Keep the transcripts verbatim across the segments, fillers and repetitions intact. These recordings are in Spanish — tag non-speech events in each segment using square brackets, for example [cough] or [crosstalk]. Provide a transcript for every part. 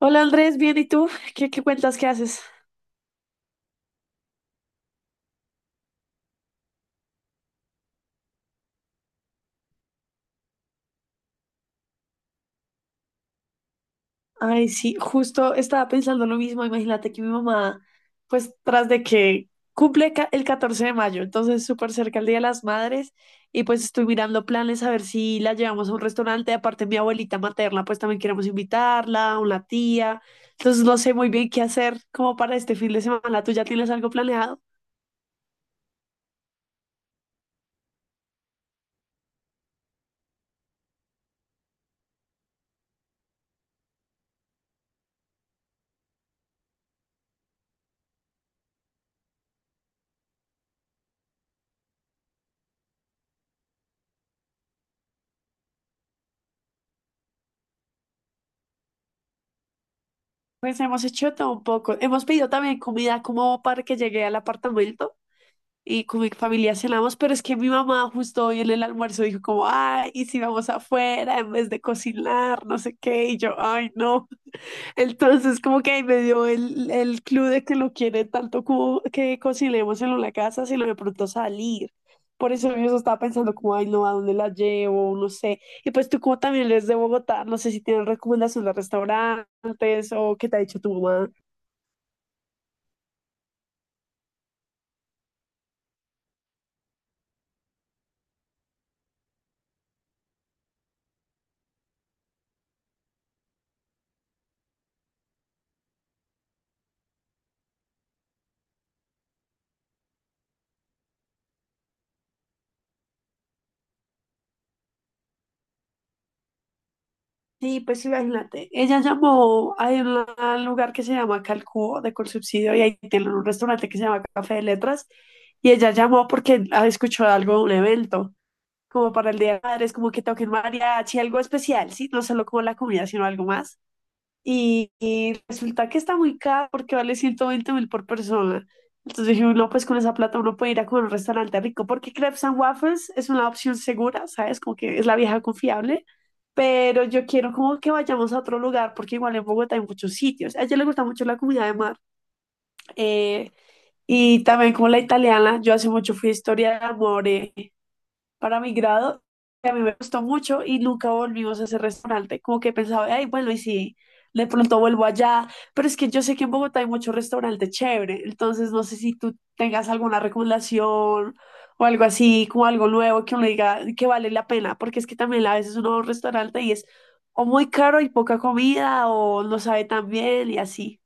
Hola Andrés, bien, ¿y tú? ¿Qué, qué cuentas? ¿Qué haces? Ay, sí, justo estaba pensando lo mismo. Imagínate que mi mamá, pues tras de que cumple ca- el catorce de mayo, entonces súper cerca el Día de las Madres, y pues estoy mirando planes a ver si la llevamos a un restaurante. Aparte, mi abuelita materna, pues también queremos invitarla, una tía. Entonces no sé muy bien qué hacer como para este fin de semana. ¿Tú ya tienes algo planeado? Pues hemos hecho todo un poco. Hemos pedido también comida como para que llegue al apartamento y con mi familia cenamos, pero es que mi mamá justo hoy en el almuerzo dijo como, ay, ¿y si vamos afuera en vez de cocinar? No sé qué, y yo, ay, no. Entonces como que ahí me dio el, el clue de que no quiere tanto como que cocinemos en la casa, sino de pronto salir. Por eso yo estaba pensando como, ay, no, ¿a dónde la llevo? No sé. Y pues tú como también eres de Bogotá, no sé si tienes recomendaciones de restaurantes o qué te ha dicho tu mamá. Sí, pues imagínate, ella llamó a un lugar que se llama Calcubo de Colsubsidio y ahí tienen un restaurante que se llama Café de Letras y ella llamó porque ah, escuchó algo de un evento, como para el Día de Madres, como que toquen mariachi, algo especial, sí, no solo como la comida, sino algo más. Y, y resulta que está muy caro porque vale ciento veinte mil por persona. Entonces dije, no, pues con esa plata uno puede ir a comer un restaurante rico porque Crepes and Waffles es una opción segura, ¿sabes? Como que es la vieja confiable. Pero yo quiero como que vayamos a otro lugar porque igual en Bogotá hay muchos sitios. A ella le gusta mucho la comida de mar eh, y también como la italiana. Yo hace mucho fui a Historia de Amore para mi grado. A mí me gustó mucho y nunca volvimos a ese restaurante. Como que pensaba, ay, bueno, y si de pronto vuelvo allá, pero es que yo sé que en Bogotá hay muchos restaurantes chévere, entonces no sé si tú tengas alguna recomendación o algo así, como algo nuevo que uno diga que vale la pena, porque es que también a veces uno va a un restaurante y es o muy caro y poca comida o no sabe tan bien y así.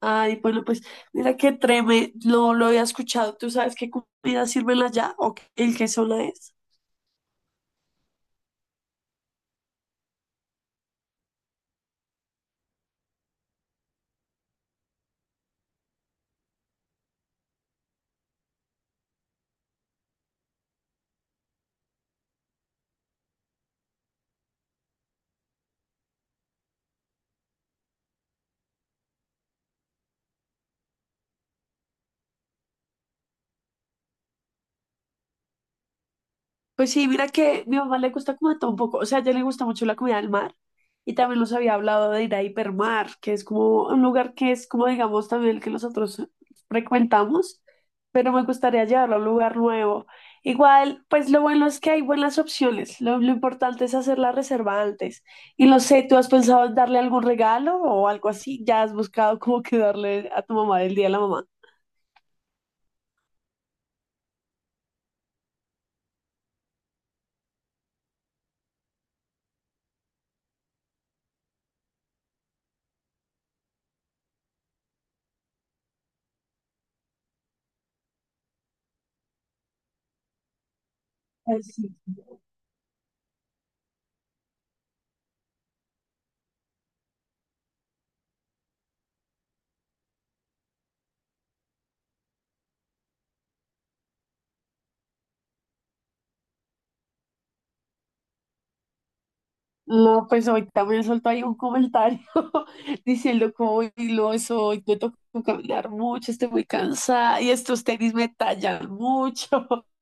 Ay, bueno, pues mira qué treme, no lo había escuchado. ¿Tú sabes qué comida sirven allá o el qué zona es? Pues sí, mira que mi mamá le gusta como de todo un poco, o sea, a ella le gusta mucho la comida del mar y también nos había hablado de ir a Hipermar, que es como un lugar que es como digamos también el que nosotros frecuentamos, pero me gustaría llevarlo a un lugar nuevo. Igual, pues lo bueno es que hay buenas opciones, lo, lo importante es hacer la reserva antes. Y no sé, ¿tú has pensado en darle algún regalo o algo así? ¿Ya has buscado como que darle a tu mamá del día de la mamá? Pues sí. No, pues ahorita me soltó ahí un comentario [laughs] diciendo como "Uy, no soy, me tocó caminar mucho, estoy muy cansada y estos tenis me tallan mucho.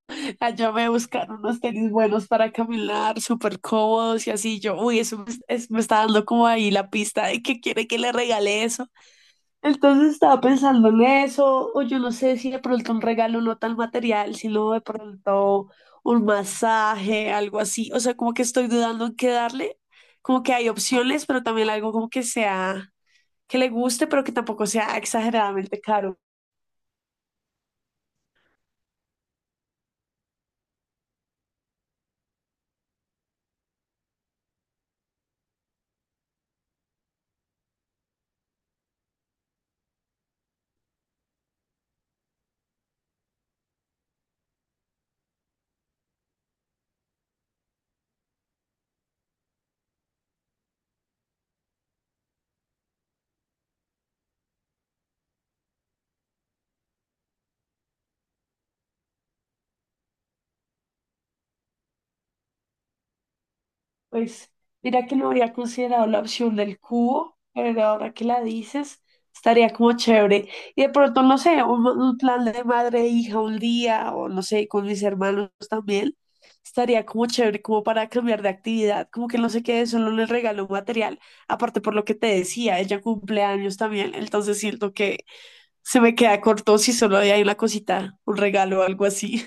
[laughs] Allá me buscaron unos tenis buenos para caminar, súper cómodos y así. Yo, uy, eso me, es- me está dando como ahí la pista de que quiere que le regale eso. Entonces estaba pensando en eso, o yo no sé si de pronto un regalo no tan material, sino de pronto un masaje, algo así. O sea, como que estoy dudando en qué darle, como que hay opciones, pero también algo como que sea, que le guste, pero que tampoco sea exageradamente caro. Pues mira que no habría considerado la opción del cubo, pero ahora que la dices, estaría como chévere. Y de pronto, no sé, un, un plan de madre e hija un día, o no sé, con mis hermanos también, estaría como chévere, como para cambiar de actividad, como que no se quede solo en el regalo material. Aparte por lo que te decía, ella cumple años también, entonces siento que se me queda corto si solo hay una cosita, un regalo o algo así.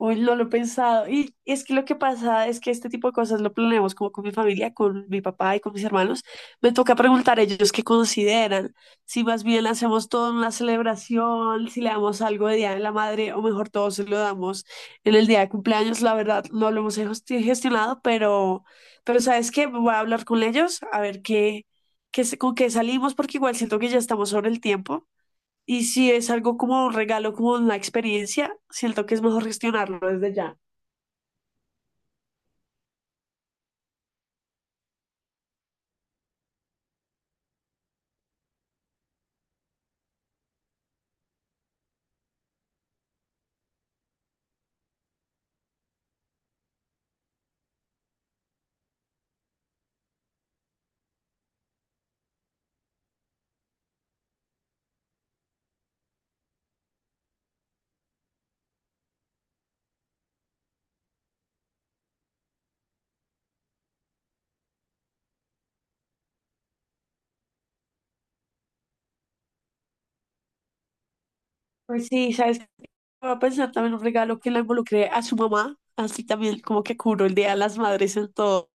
Uy, no lo he pensado. Y es que lo que pasa es que este tipo de cosas lo planeamos como con mi familia, con mi papá y con mis hermanos. Me toca preguntar a ellos qué consideran, si más bien hacemos toda una celebración, si le damos algo de Día de la Madre o mejor todo se lo damos en el día de cumpleaños. La verdad, no lo hemos gesti- gestionado, pero, pero ¿sabes qué? Voy a hablar con ellos a ver qué, qué, se- con qué salimos, porque igual siento que ya estamos sobre el tiempo. Y si es algo como un regalo, como una experiencia, siento que es mejor gestionarlo desde ya. Pues sí, ¿sabes qué? Voy a pensar también un regalo que la involucre a su mamá, así también como que cubro el Día de las Madres en todo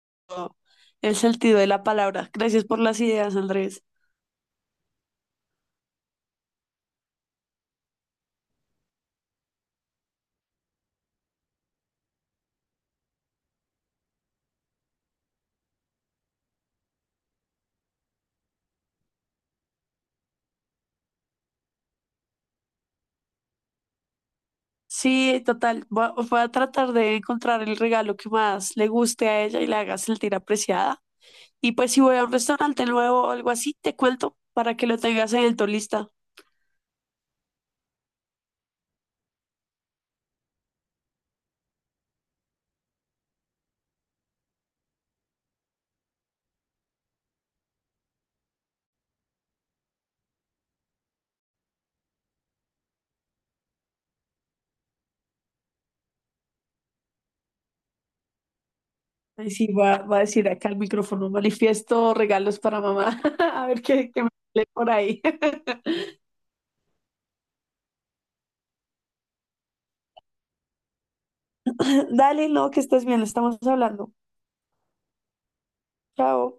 el sentido de la palabra. Gracias por las ideas, Andrés. Sí, total, voy a, voy a tratar de encontrar el regalo que más le guste a ella y la haga sentir apreciada. Y pues si voy a un restaurante nuevo o algo así, te cuento para que lo tengas en el tu lista. Ay, sí, va, va a decir acá el micrófono, manifiesto regalos para mamá. [laughs] A ver qué, qué me sale por ahí. [laughs] Dale, no, que estés bien, estamos hablando. Chao.